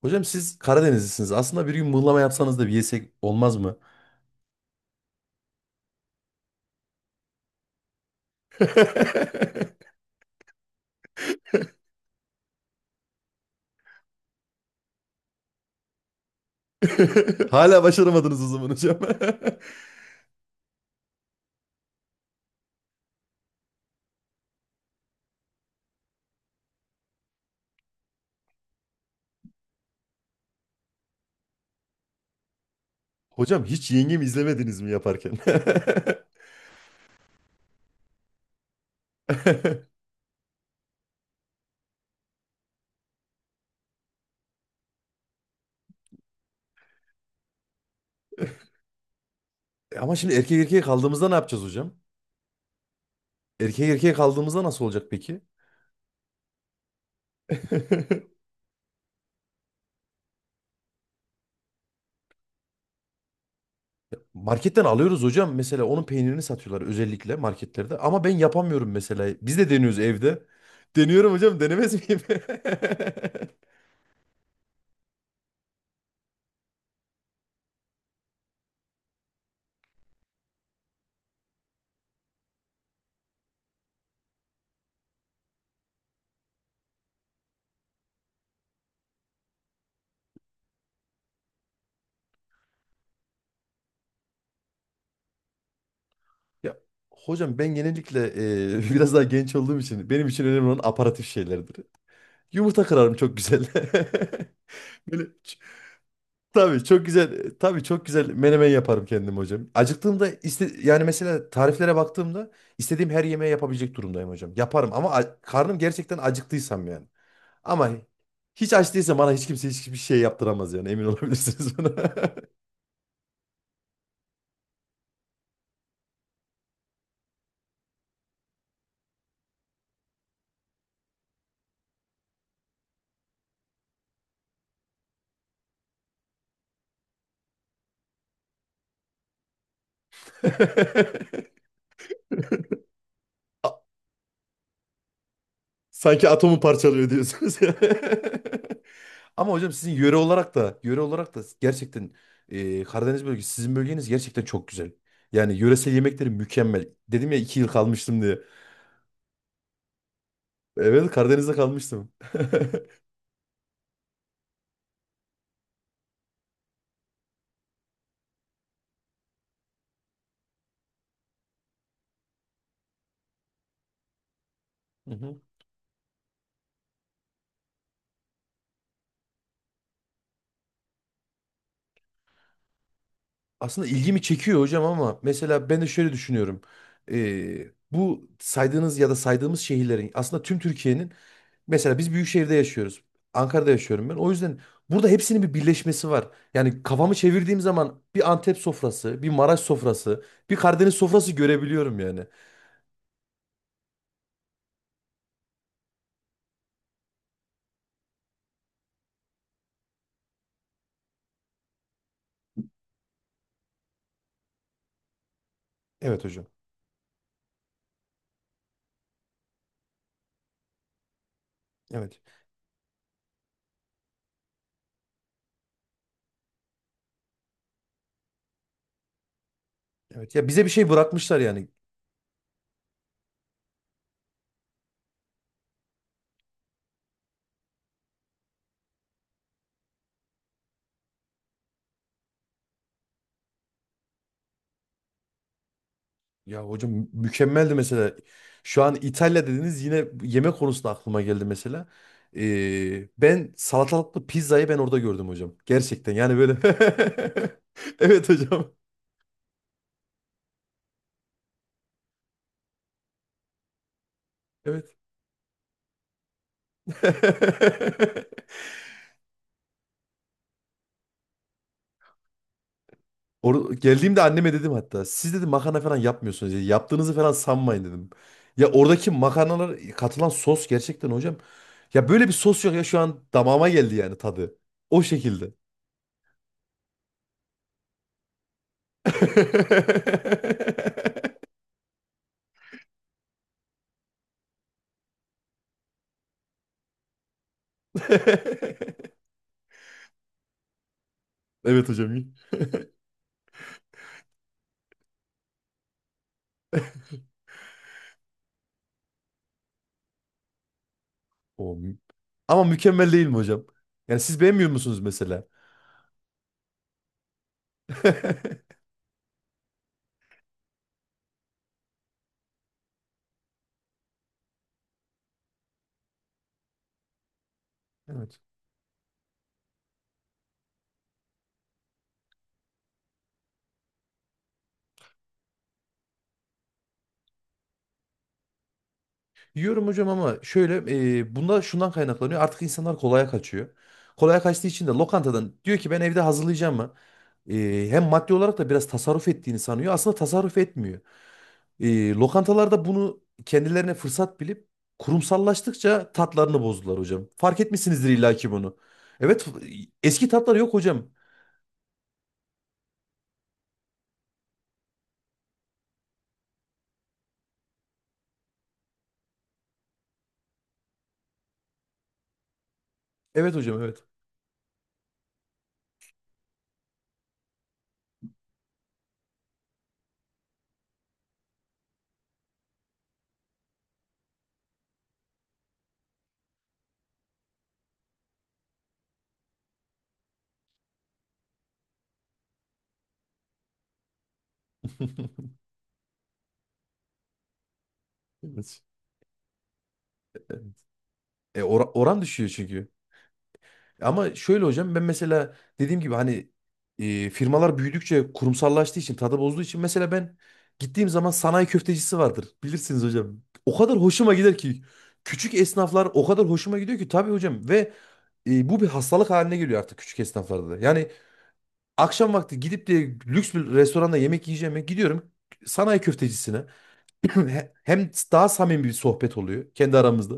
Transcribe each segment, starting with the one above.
Hocam siz Karadenizlisiniz. Aslında bir gün mıhlama yapsanız da bir yesek olmaz mı? Hala başaramadınız o zaman hocam. Hocam hiç yengemi izlemediniz mi yaparken? Ama şimdi erkek erkeğe kaldığımızda ne yapacağız hocam? Erkek erkeğe kaldığımızda nasıl olacak peki? Marketten alıyoruz hocam. Mesela onun peynirini satıyorlar özellikle marketlerde. Ama ben yapamıyorum mesela. Biz de deniyoruz evde. Deniyorum hocam, denemez miyim? Ya hocam, ben genellikle biraz daha genç olduğum için benim için önemli olan aparatif şeylerdir. Yumurta kırarım, çok güzel. Böyle tabii çok güzel, menemen yaparım kendim hocam. Acıktığımda yani mesela tariflere baktığımda istediğim her yemeği yapabilecek durumdayım hocam. Yaparım ama karnım gerçekten acıktıysam yani. Ama hiç aç değilsem bana hiç kimse hiçbir şey yaptıramaz yani, emin olabilirsiniz buna. A- Sanki atomu parçalıyor diyorsunuz. Ama hocam sizin yöre olarak da gerçekten Karadeniz bölgesi, sizin bölgeniz gerçekten çok güzel. Yani yöresel yemekleri mükemmel. Dedim ya, 2 yıl kalmıştım diye. Evet, Karadeniz'de kalmıştım. Hı hı. Aslında ilgimi çekiyor hocam ama mesela ben de şöyle düşünüyorum. Bu saydığınız ya da saydığımız şehirlerin aslında tüm Türkiye'nin, mesela biz büyük şehirde yaşıyoruz. Ankara'da yaşıyorum ben. O yüzden burada hepsinin bir birleşmesi var. Yani kafamı çevirdiğim zaman bir Antep sofrası, bir Maraş sofrası, bir Karadeniz sofrası görebiliyorum yani. Evet hocam. Evet. Evet. Ya bize bir şey bırakmışlar yani. Ya hocam, mükemmeldi mesela. Şu an İtalya dediniz, yine yemek konusunda aklıma geldi mesela. Ben salatalıklı pizzayı ben orada gördüm hocam. Gerçekten yani, böyle. Evet hocam. Evet. Geldiğimde anneme dedim hatta. Siz, dedim, makarna falan yapmıyorsunuz, dedi. Yaptığınızı falan sanmayın, dedim. Ya oradaki makarnalar, katılan sos gerçekten hocam. Ya böyle bir sos yok, ya şu an damağıma geldi yani tadı. O şekilde. Evet hocam. İyi. O, mü- ama mükemmel değil mi hocam? Yani siz beğenmiyor musunuz mesela? Evet. Yiyorum hocam ama şöyle, bunda şundan kaynaklanıyor. Artık insanlar kolaya kaçıyor. Kolaya kaçtığı için de lokantadan diyor ki ben evde hazırlayacağım mı? Hem maddi olarak da biraz tasarruf ettiğini sanıyor. Aslında tasarruf etmiyor. Lokantalarda bunu kendilerine fırsat bilip kurumsallaştıkça tatlarını bozdular hocam. Fark etmişsinizdir illaki bunu. Evet, eski tatlar yok hocam. Evet hocam, evet. Evet. Oran düşüyor çünkü. Ama şöyle hocam, ben mesela dediğim gibi hani, firmalar büyüdükçe kurumsallaştığı için tadı bozduğu için mesela ben gittiğim zaman sanayi köftecisi vardır. Bilirsiniz hocam. O kadar hoşuma gider ki küçük esnaflar, o kadar hoşuma gidiyor ki tabii hocam, ve bu bir hastalık haline geliyor artık küçük esnaflarda da. Yani akşam vakti gidip de lüks bir restoranda yemek yiyeceğime gidiyorum sanayi köftecisine. Hem daha samimi bir sohbet oluyor kendi aramızda.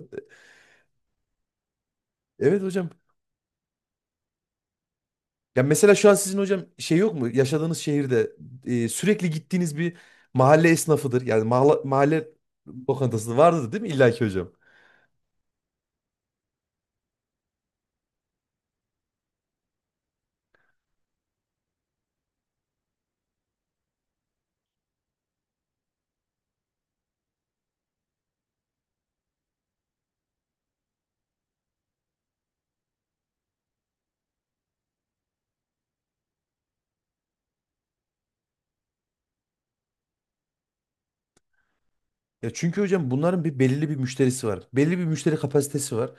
Evet hocam. Ya mesela şu an sizin hocam şey yok mu? Yaşadığınız şehirde sürekli gittiğiniz bir mahalle esnafıdır. Yani mahalle lokantası vardır değil mi illaki hocam? Ya çünkü hocam bunların bir belirli bir müşterisi var. Belli bir müşteri kapasitesi var.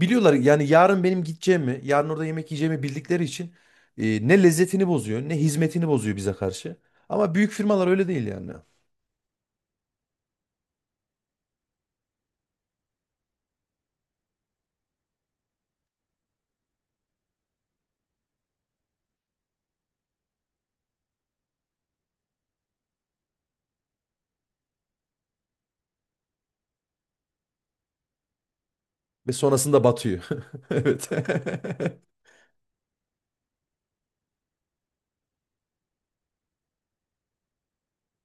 Biliyorlar yani yarın benim gideceğimi, yarın orada yemek yiyeceğimi bildikleri için ne lezzetini bozuyor, ne hizmetini bozuyor bize karşı. Ama büyük firmalar öyle değil yani. Ve sonrasında batıyor. Evet.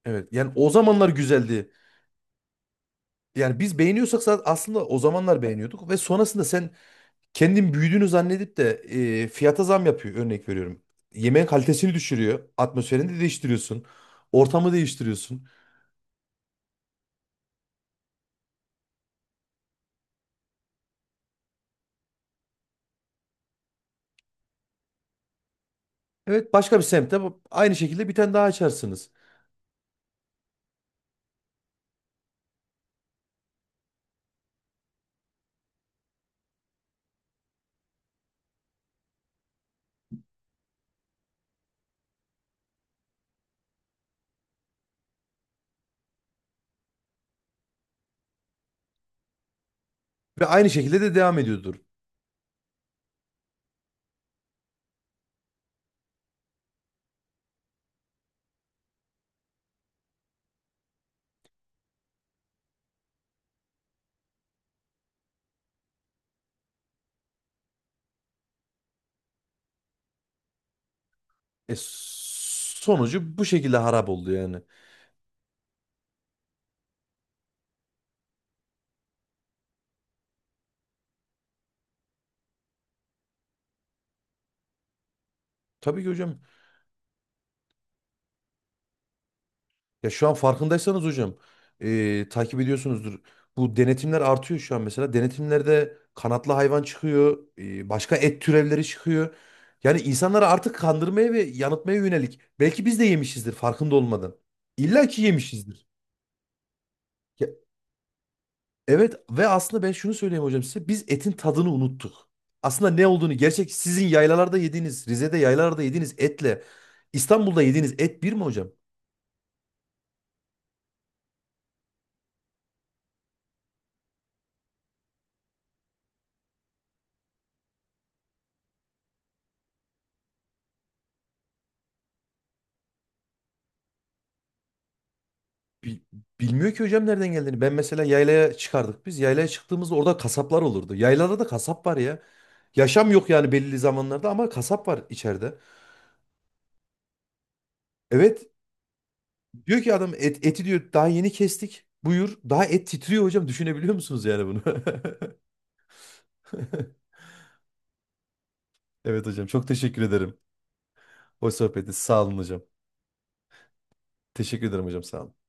Evet. Yani o zamanlar güzeldi. Yani biz beğeniyorsak zaten aslında o zamanlar beğeniyorduk, ve sonrasında sen kendin büyüdüğünü zannedip de fiyata zam yapıyor, örnek veriyorum. Yemeğin kalitesini düşürüyor. Atmosferini de değiştiriyorsun. Ortamı değiştiriyorsun. Evet, başka bir semtte aynı şekilde bir tane daha açarsınız. Ve aynı şekilde de devam ediyordur. Sonucu bu şekilde harap oldu yani. Tabii ki hocam. Ya şu an farkındaysanız hocam, takip ediyorsunuzdur. Bu denetimler artıyor şu an mesela. Denetimlerde kanatlı hayvan çıkıyor. Başka et türevleri çıkıyor. Yani insanları artık kandırmaya ve yanıltmaya yönelik. Belki biz de yemişizdir farkında olmadan. İlla ki yemişizdir. Ya, evet ve aslında ben şunu söyleyeyim hocam size. Biz etin tadını unuttuk. Aslında ne olduğunu, gerçek sizin yaylalarda yediğiniz, Rize'de yaylalarda yediğiniz etle İstanbul'da yediğiniz et bir mi hocam? Bi- Bilmiyor ki hocam nereden geldiğini. Ben mesela yaylaya çıkardık biz. Yaylaya çıktığımızda orada kasaplar olurdu. Yaylada da kasap var ya. Yaşam yok yani belli zamanlarda, ama kasap var içeride. Evet, diyor ki adam, et, eti diyor daha yeni kestik. Buyur. Daha et titriyor hocam. Düşünebiliyor musunuz yani bunu? Evet hocam, çok teşekkür ederim. O sohbeti sağ olun hocam. Teşekkür ederim hocam, sağ olun.